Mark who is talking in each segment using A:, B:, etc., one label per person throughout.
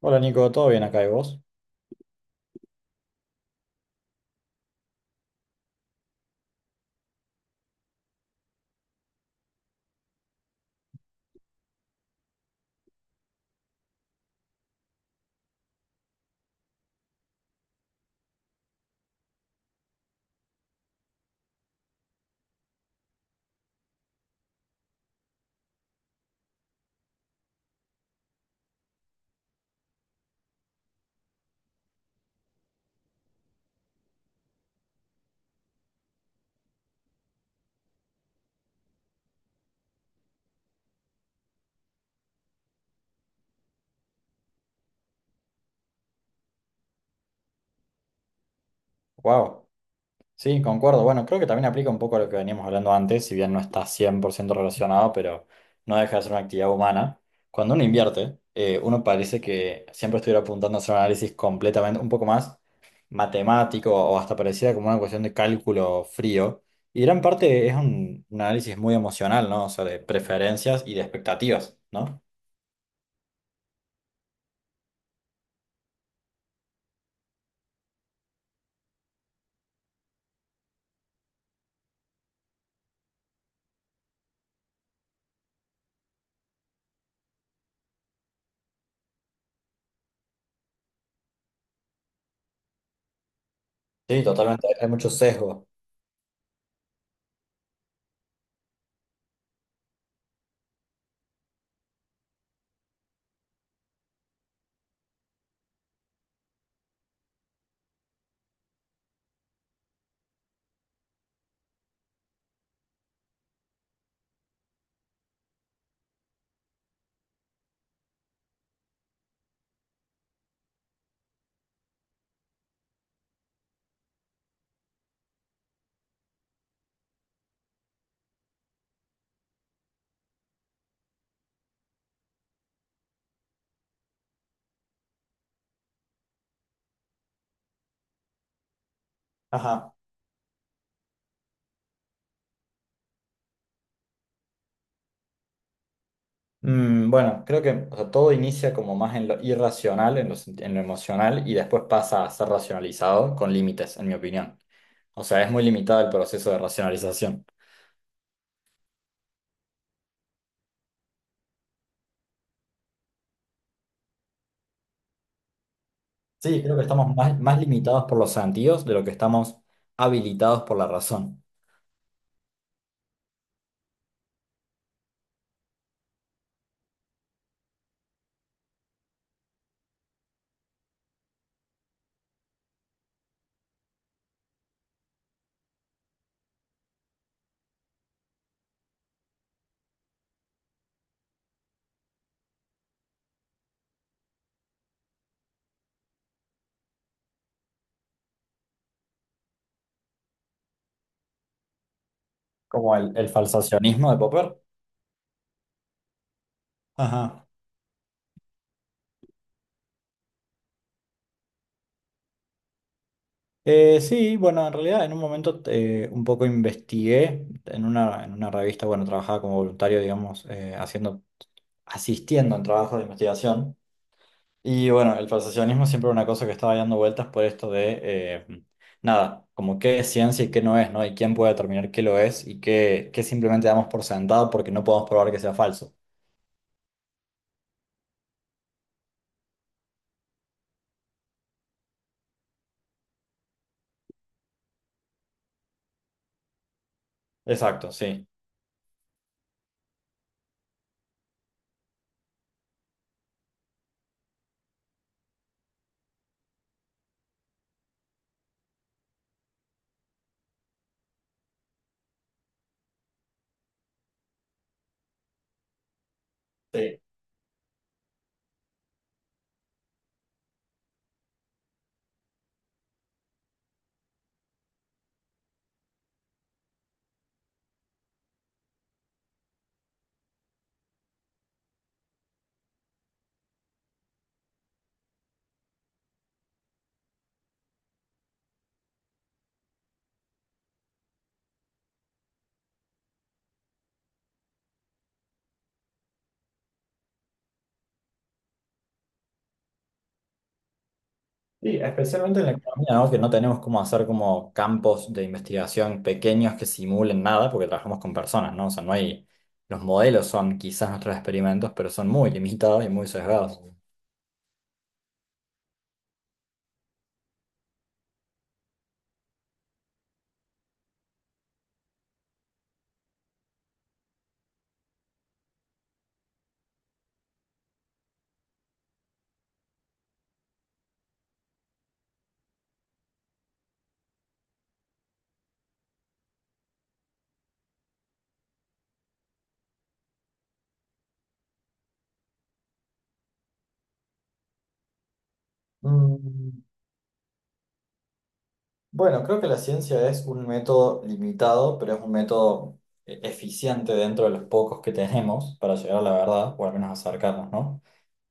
A: Hola Nico, ¿todo bien acá y vos? Wow, sí, concuerdo. Bueno, creo que también aplica un poco a lo que veníamos hablando antes, si bien no está 100% relacionado, pero no deja de ser una actividad humana. Cuando uno invierte, uno parece que siempre estuviera apuntando a hacer un análisis completamente, un poco más matemático o hasta pareciera como una cuestión de cálculo frío. Y gran parte es un análisis muy emocional, ¿no? O sea, de preferencias y de expectativas, ¿no? Sí, totalmente. Hay mucho sesgo. Ajá. Bueno, creo que o sea, todo inicia como más en lo irracional, en lo, en lo emocional, y después pasa a ser racionalizado con límites, en mi opinión. O sea, es muy limitado el proceso de racionalización. Sí, creo que estamos más limitados por los sentidos de lo que estamos habilitados por la razón, como el falsacionismo de Popper. Ajá. Sí, bueno, en realidad en un momento un poco investigué en en una revista, bueno, trabajaba como voluntario, digamos, asistiendo en trabajos de investigación. Y bueno, el falsacionismo siempre era una cosa que estaba dando vueltas por esto de, nada, como qué es ciencia y qué no es, ¿no? Y quién puede determinar qué lo es y qué simplemente damos por sentado porque no podemos probar que sea falso. Exacto, sí. Sí. Sí, especialmente en la economía, ¿no? Que no tenemos cómo hacer como campos de investigación pequeños que simulen nada porque trabajamos con personas, ¿no? O sea, no hay, los modelos son quizás nuestros experimentos, pero son muy limitados y muy sesgados. Mm. Bueno, creo que la ciencia es un método limitado, pero es un método eficiente dentro de los pocos que tenemos para llegar a la verdad, o al menos acercarnos, ¿no?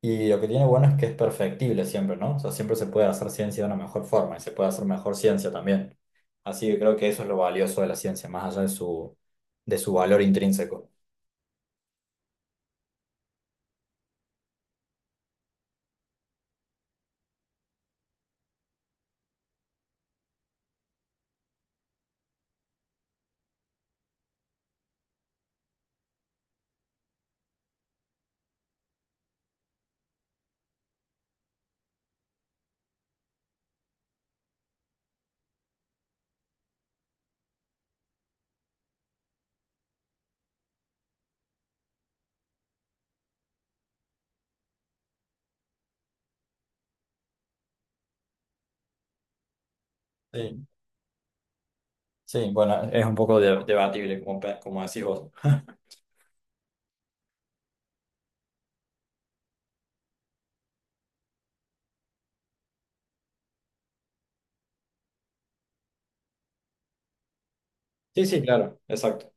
A: Y lo que tiene bueno es que es perfectible siempre, ¿no? O sea, siempre se puede hacer ciencia de una mejor forma y se puede hacer mejor ciencia también. Así que creo que eso es lo valioso de la ciencia, más allá de su valor intrínseco. Sí, sí, bueno, es un poco debatible, como, como decís vos. Sí, sí, claro, exacto.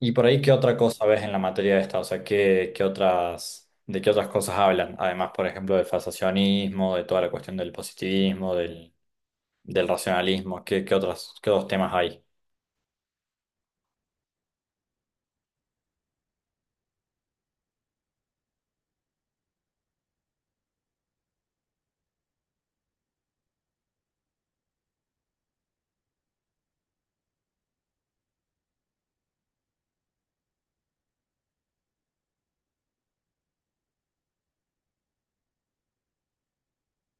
A: Y por ahí, ¿qué otra cosa ves en la materia de esta? O sea, ¿qué, qué otras, de qué otras cosas hablan? Además, por ejemplo, del fasciacionismo, de toda la cuestión del positivismo, del racionalismo, ¿qué, qué otras, qué otros temas hay?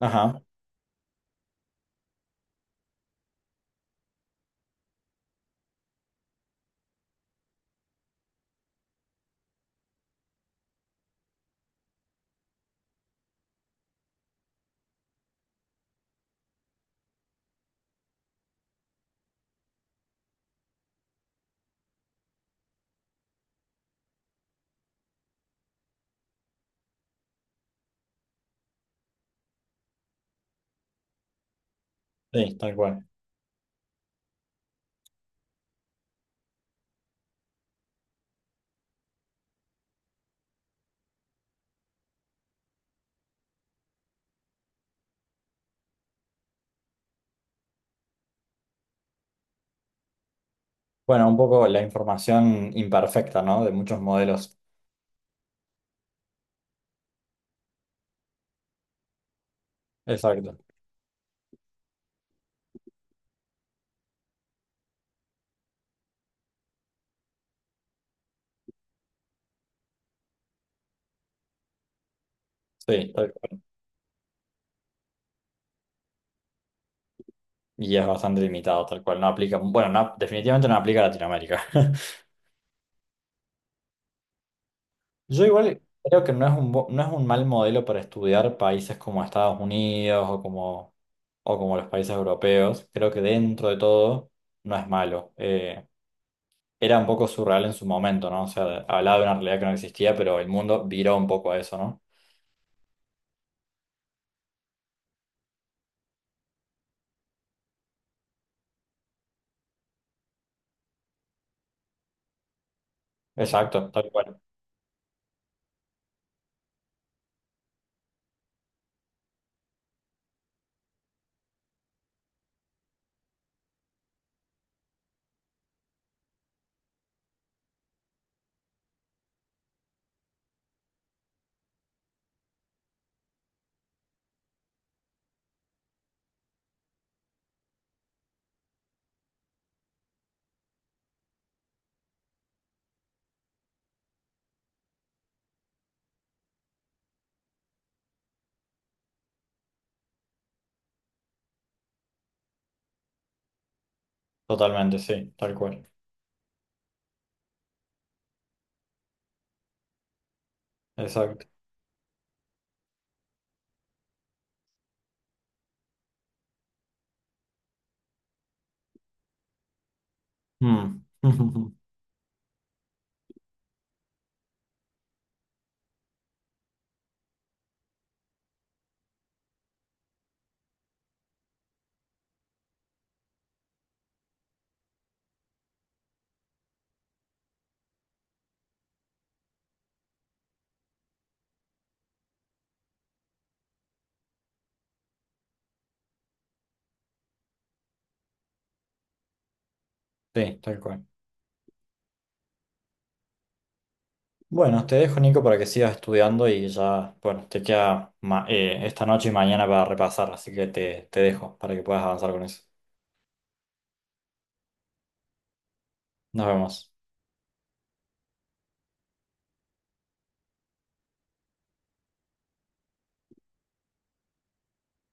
A: Ajá, sí, tal cual. Bueno, un poco la información imperfecta, ¿no? De muchos modelos. Exacto. Sí, tal cual. Y es bastante limitado, tal cual. No aplica, bueno, no, definitivamente no aplica a Latinoamérica. Yo igual creo que no es un, no es un mal modelo para estudiar países como Estados Unidos o como los países europeos. Creo que dentro de todo no es malo. Era un poco surreal en su momento, ¿no? O sea, hablaba de una realidad que no existía, pero el mundo viró un poco a eso, ¿no? Exacto, tal cual. Totalmente, sí, tal cual. Exacto. Mm. Sí, tal cual. Bueno, te dejo, Nico, para que sigas estudiando y ya, bueno, te queda esta noche y mañana para repasar, así que te dejo para que puedas avanzar con eso. Nos vemos.